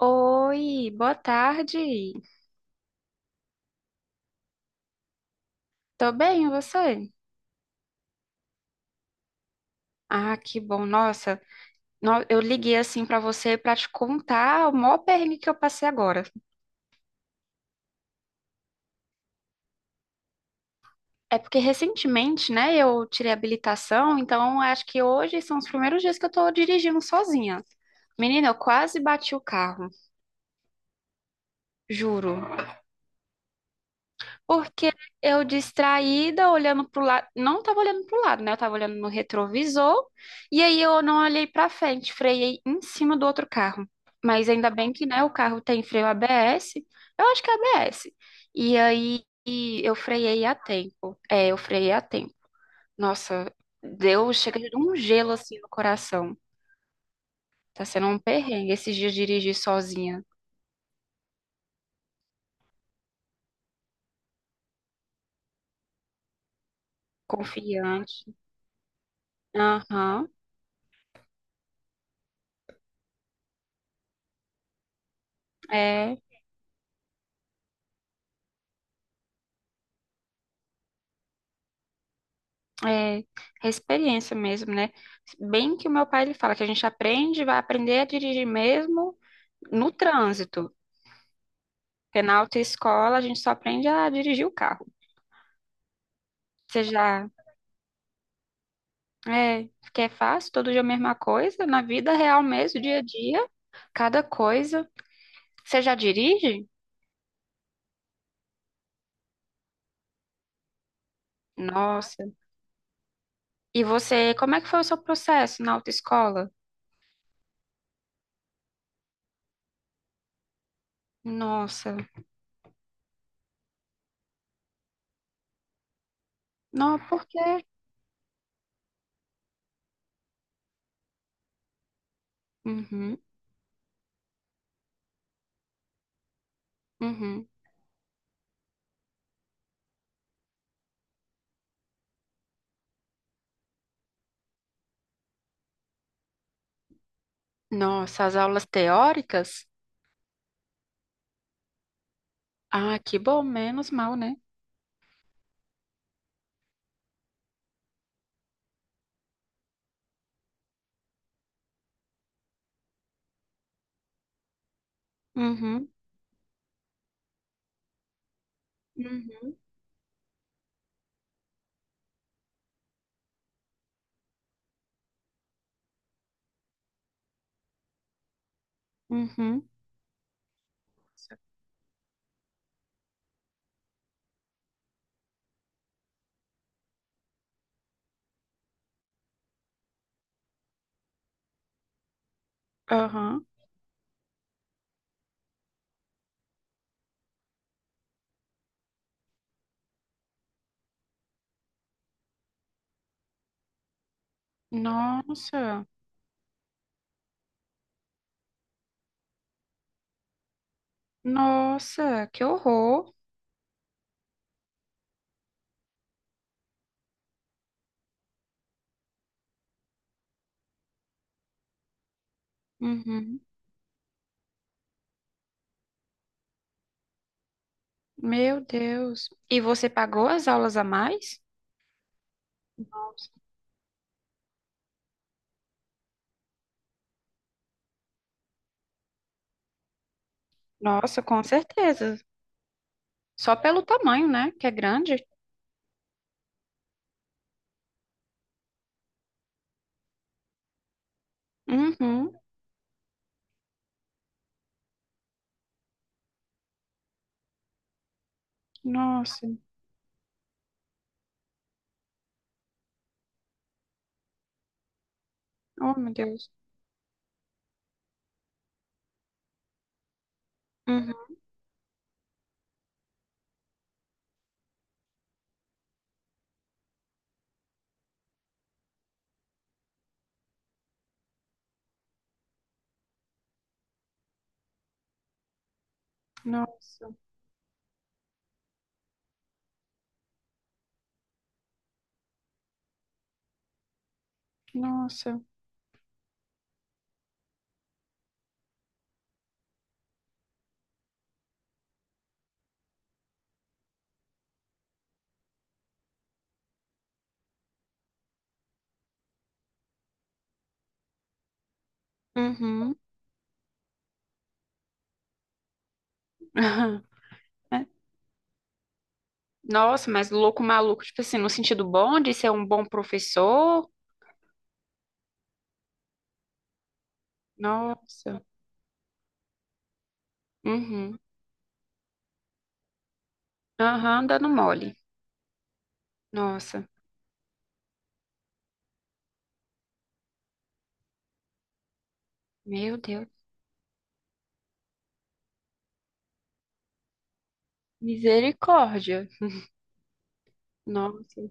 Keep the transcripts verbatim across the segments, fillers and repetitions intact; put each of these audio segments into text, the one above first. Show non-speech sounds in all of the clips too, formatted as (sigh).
Oi, boa tarde. Tô bem, e você? Ah, que bom. Nossa, no- eu liguei assim pra você pra te contar o maior perrengue que eu passei agora. É porque recentemente, né, eu tirei a habilitação, então acho que hoje são os primeiros dias que eu tô dirigindo sozinha. Menina, eu quase bati o carro, juro. Porque eu distraída, olhando pro lado, não estava olhando pro lado, né? Eu estava olhando no retrovisor, e aí eu não olhei para frente, freiei em cima do outro carro. Mas ainda bem que, né, o carro tem freio A B S, eu acho que é A B S. E aí e eu freiei a tempo. É, eu freiei a tempo. Nossa, deu, chega de dar um gelo assim no coração. Tá sendo um perrengue esses dias dirigir sozinha, confiante. Aham, é. É, é experiência mesmo, né? Bem que o meu pai ele fala que a gente aprende, vai aprender a dirigir mesmo no trânsito. Porque na autoescola a gente só aprende a dirigir o carro. Você já é, que é fácil, todo dia a mesma coisa, na vida real mesmo, dia a dia, cada coisa. Você já dirige? Nossa. E você, como é que foi o seu processo na autoescola? Nossa. Não, por quê? Uhum, uhum. Nossa, as aulas teóricas? Ah, que bom, menos mal, né? Uhum, uhum, uhum, aham. Nossa, nossa, que horror. Uhum. Meu Deus. E você pagou as aulas a mais? Nossa, com certeza. Só pelo tamanho, né? Que é grande. Uhum. Nossa. Oh, meu Deus. Uhum. Nossa. Nossa. Uhum. (laughs) É. Nossa, mas louco maluco, tipo assim, no sentido bom de ser um bom professor. Nossa. Uhum. Aham, dando mole. Nossa, meu Deus. Misericórdia. Nossa,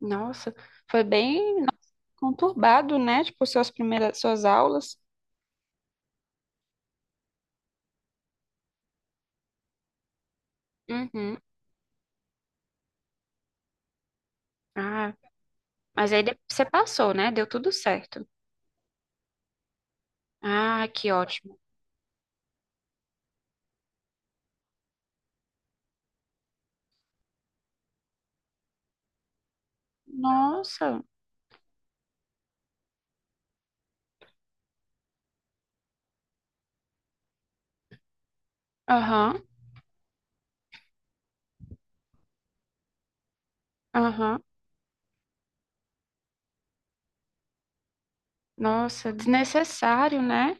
nossa. Foi bem nossa, conturbado, né? Tipo, suas primeiras, suas aulas. Uhum. Ah, mas aí de- você passou, né? Deu tudo certo. Ah, que ótimo. Nossa. Aham, aham. Nossa, desnecessário, né?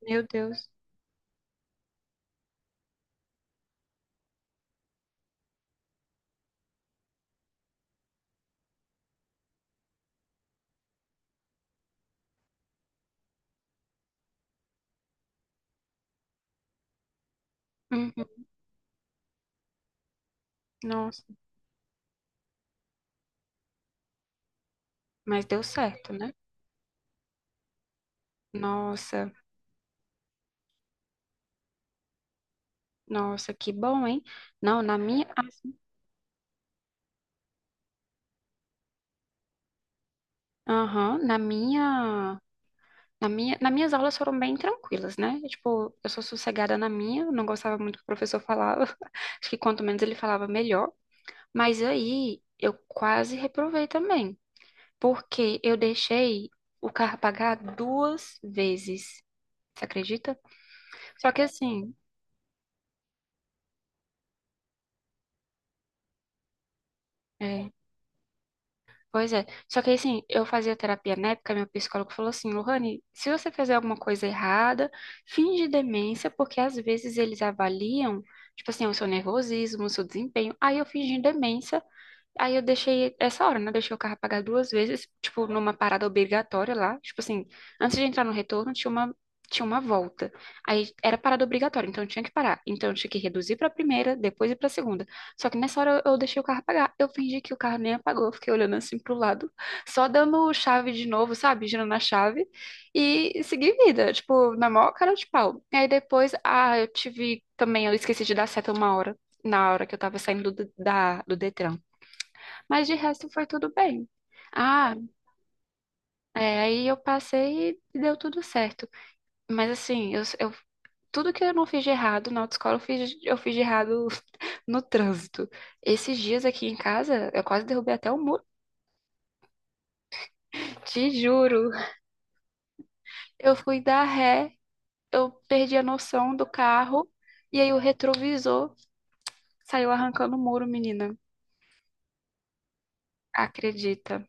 Meu Deus. Uhum. Nossa, mas deu certo, né? Nossa, nossa, que bom, hein? Não, na minha. Aham, Na minha, na minha, nas minhas aulas foram bem tranquilas, né? Tipo, eu sou sossegada na minha, eu não gostava muito do que o professor falava. (laughs) Acho que quanto menos ele falava, melhor. Mas aí eu quase reprovei também, porque eu deixei o carro pagar duas vezes. Você acredita? Só que assim, é, pois é. Só que assim, eu fazia terapia na época, meu psicólogo falou assim, Lohane, se você fizer alguma coisa errada, finge demência, porque às vezes eles avaliam, tipo assim, o seu nervosismo, o seu desempenho. Aí eu fingi demência. Aí eu deixei essa hora, né? Deixei o carro apagar duas vezes, tipo, numa parada obrigatória lá. Tipo assim, antes de entrar no retorno, tinha uma, tinha uma volta. Aí era parada obrigatória, então eu tinha que parar. Então eu tinha que reduzir pra primeira, depois ir pra segunda. Só que nessa hora eu, eu deixei o carro apagar. Eu fingi que o carro nem apagou, eu fiquei olhando assim pro lado, (laughs) só dando chave de novo, sabe? Girando a chave e segui vida, tipo, na maior cara de pau. E aí depois, ah, eu tive também, eu esqueci de dar seta uma hora. Na hora que eu tava saindo do, da, do Detran. Mas de resto foi tudo bem. Ah, é, aí eu passei e deu tudo certo. Mas assim, eu, eu- tudo que eu não fiz de errado na autoescola, eu fiz, eu fiz de errado (laughs) no trânsito. Esses dias aqui em casa, eu quase derrubei até o muro. Te juro. Eu fui dar ré, eu perdi a noção do carro, e aí o retrovisor saiu arrancando o muro, menina. Acredita?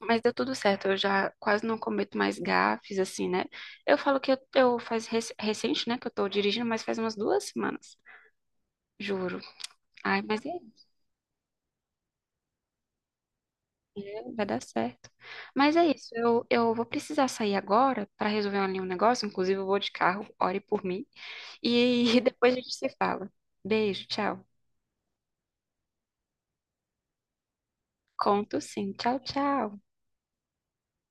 Mas deu tudo certo, eu já quase não cometo mais gafes, assim, né? Eu falo que eu, eu faz rec- recente, né, que eu tô dirigindo, mas faz umas duas semanas, juro. Ai, mas é, é, vai dar certo. Mas é isso, eu, eu vou precisar sair agora para resolver ali um negócio, inclusive eu vou de carro, ore por mim, e (laughs) depois a gente se fala. Beijo, tchau. Conto sim, tchau, tchau.